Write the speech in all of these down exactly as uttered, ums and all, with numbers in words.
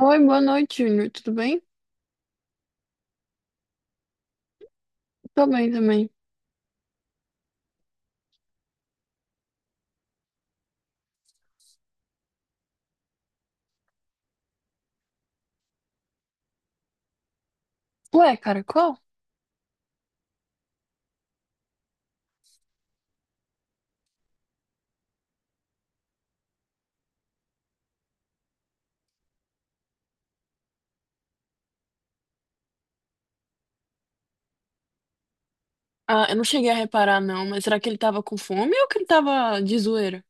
Oi, boa noite, Júnior. Tudo bem? Tô bem também. Ué, caracol? Ah, eu não cheguei a reparar, não, mas será que ele tava com fome ou que ele tava de zoeira?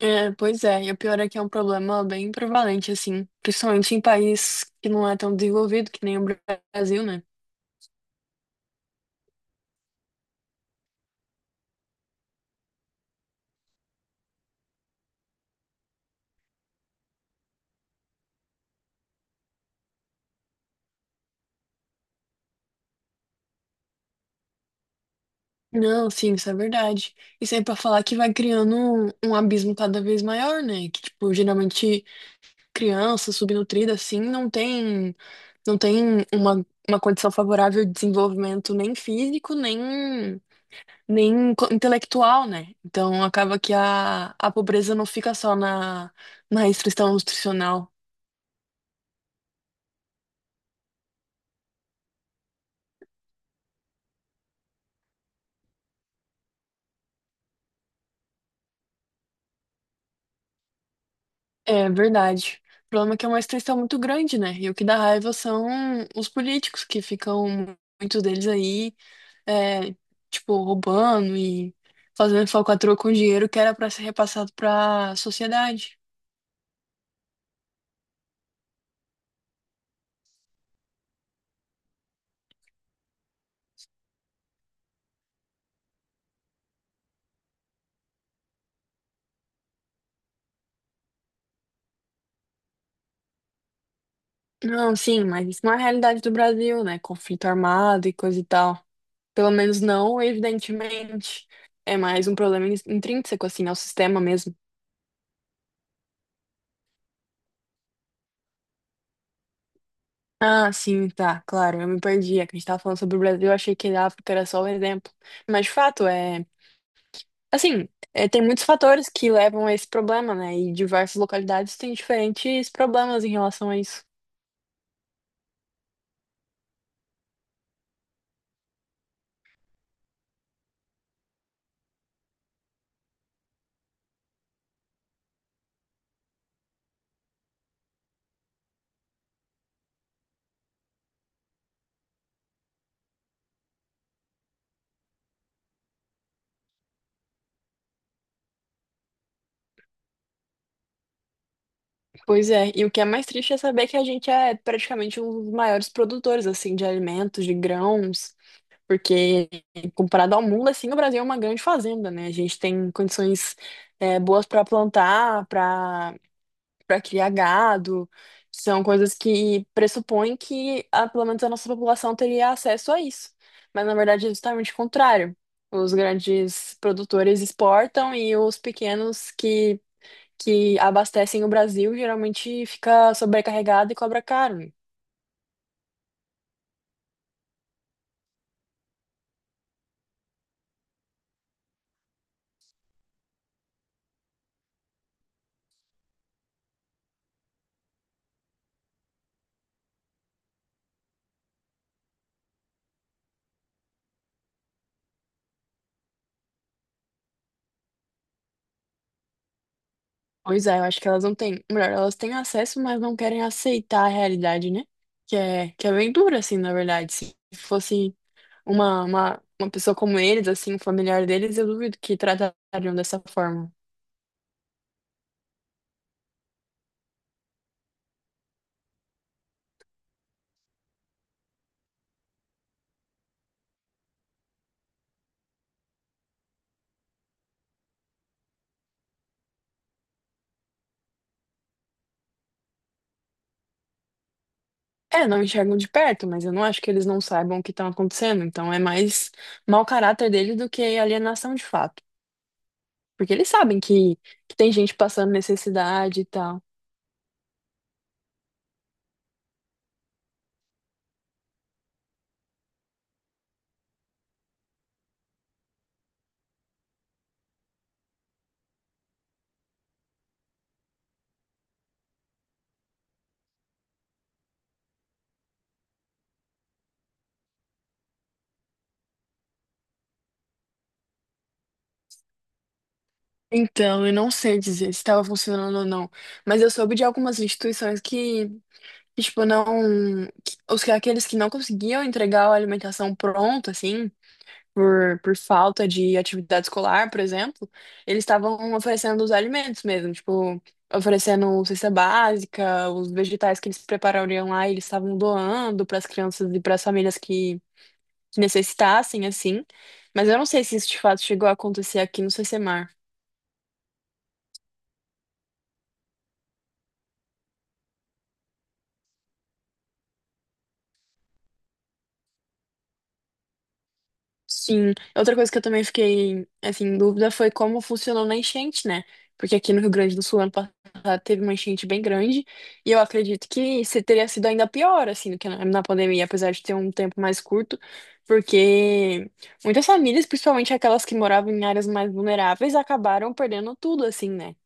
É, pois é, e o pior é que é um problema bem prevalente, assim, principalmente em país que não é tão desenvolvido, que nem o Brasil, né? Não, sim, isso é verdade. Isso aí pra falar que vai criando um, um abismo cada vez maior, né? Que, tipo, geralmente criança subnutrida, assim, não tem. Não tem uma, uma condição favorável de desenvolvimento nem físico, nem, nem co- intelectual, né? Então acaba que a, a pobreza não fica só na, na restrição nutricional. É verdade. O problema é que é uma restrição muito grande, né? E o que dá raiva são os políticos que ficam, muitos deles aí, é, tipo, roubando e fazendo falcatrua com dinheiro que era para ser repassado para a sociedade. Não, sim, mas isso não é a realidade do Brasil, né? Conflito armado e coisa e tal. Pelo menos não, evidentemente. É mais um problema in- intrínseco, assim, ao sistema mesmo. Ah, sim, tá, claro, eu me perdi. É que a gente tava falando sobre o Brasil, eu achei que a África era só o exemplo. Mas, de fato, é... Assim, é, tem muitos fatores que levam a esse problema, né? E diversas localidades têm diferentes problemas em relação a isso. Pois é, e o que é mais triste é saber que a gente é praticamente um dos maiores produtores, assim, de alimentos, de grãos, porque, comparado ao mundo, assim, o Brasil é uma grande fazenda, né? A gente tem condições, é, boas para plantar, para para criar gado. São coisas que pressupõem que, ah, pelo menos, a nossa população teria acesso a isso. Mas, na verdade, é justamente o contrário. Os grandes produtores exportam e os pequenos que, que abastecem o Brasil geralmente fica sobrecarregado e cobra caro, né? Pois é, eu acho que elas não têm. Melhor, elas têm acesso, mas não querem aceitar a realidade, né? Que é, que é bem dura, assim, na verdade. Se fosse uma, uma, uma pessoa como eles, assim, um familiar deles, eu duvido que tratariam dessa forma. É, não enxergam de perto, mas eu não acho que eles não saibam o que está acontecendo. Então é mais mau caráter deles do que alienação de fato. Porque eles sabem que, que tem gente passando necessidade e tal. Então, eu não sei dizer se estava funcionando ou não. Mas eu soube de algumas instituições que... E, tipo, não. que- Os, aqueles que não conseguiam entregar a alimentação pronta, assim, por, por falta de atividade escolar, por exemplo, eles estavam oferecendo os alimentos mesmo, tipo, oferecendo cesta básica, os vegetais que eles preparariam lá, eles estavam doando para as crianças e para as famílias que, que necessitassem, assim. Mas eu não sei se isso de fato chegou a acontecer aqui no cê cê. Sim, outra coisa que eu também fiquei, assim, em dúvida foi como funcionou na enchente, né? Porque aqui no Rio Grande do Sul, ano passado, teve uma enchente bem grande e eu acredito que se teria sido ainda pior, assim, do que na na pandemia, apesar de ter um tempo mais curto, porque muitas famílias, principalmente aquelas que moravam em áreas mais vulneráveis, acabaram perdendo tudo, assim, né?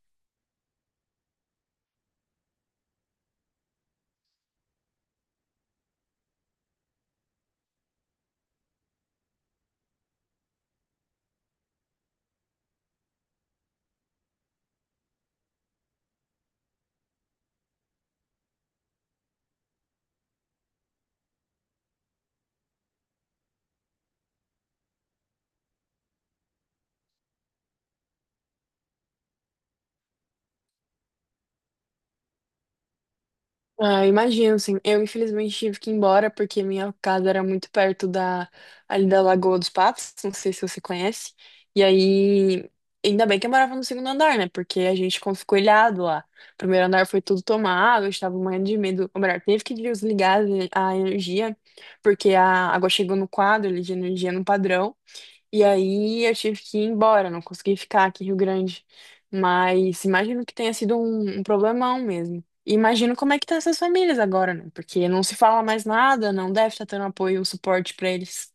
Ah, imagino, sim. Eu, infelizmente, tive que ir embora porque minha casa era muito perto da, ali da Lagoa dos Patos, não sei se você conhece. E aí, ainda bem que eu morava no segundo andar, né? Porque a gente ficou escoelhado lá. O primeiro andar foi tudo tomado, a gente tava morrendo de medo. Ou melhor, teve que desligar a a energia, porque a água chegou no quadro ali de energia no padrão. E aí eu tive que ir embora, não consegui ficar aqui em Rio Grande. Mas imagino que tenha sido um, um problemão mesmo. E imagino como é que tá essas famílias agora, né? Porque não se fala mais nada, não deve estar tendo apoio, um suporte pra eles.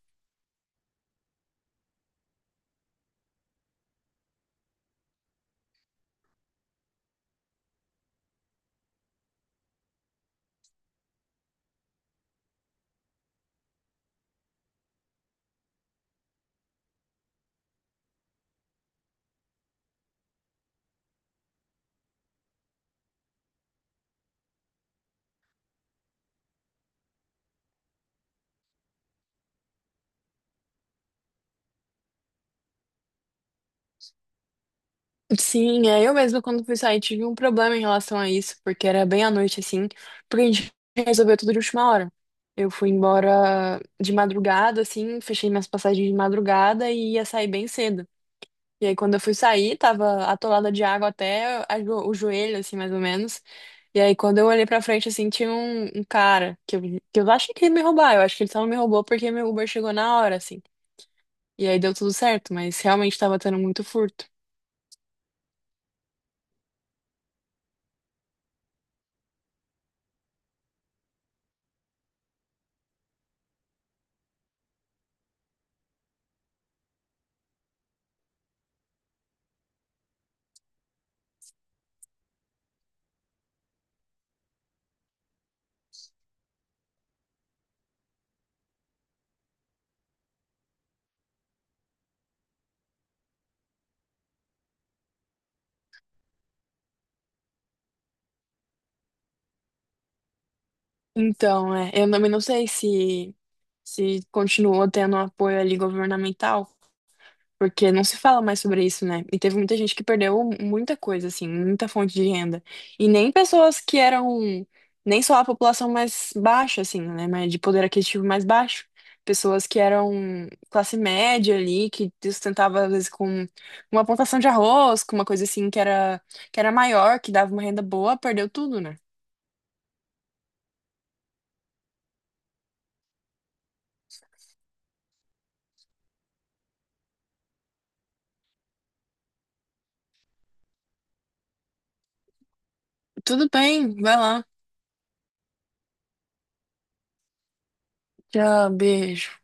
Sim, é, eu mesma quando fui sair tive um problema em relação a isso, porque era bem à noite assim, porque a gente resolveu tudo de última hora. Eu fui embora de madrugada, assim, fechei minhas passagens de madrugada e ia sair bem cedo. E aí, quando eu fui sair, tava atolada de água até a jo- o joelho, assim, mais ou menos. E aí, quando eu olhei pra frente, assim, tinha um, um cara que eu, que eu achei que ia me roubar. Eu acho que ele só não me roubou porque meu Uber chegou na hora, assim. E aí deu tudo certo, mas realmente tava tendo muito furto. Então, é, eu também não sei se, se continuou tendo um apoio ali governamental, porque não se fala mais sobre isso, né? E teve muita gente que perdeu muita coisa, assim, muita fonte de renda. E nem pessoas que eram, nem só a população mais baixa, assim, né? Mas de poder aquisitivo mais baixo. Pessoas que eram classe média ali, que sustentava, às vezes, com uma plantação de arroz, com uma coisa assim que era, que era maior, que dava uma renda boa, perdeu tudo, né? Tudo bem, vai lá. Tchau, beijo.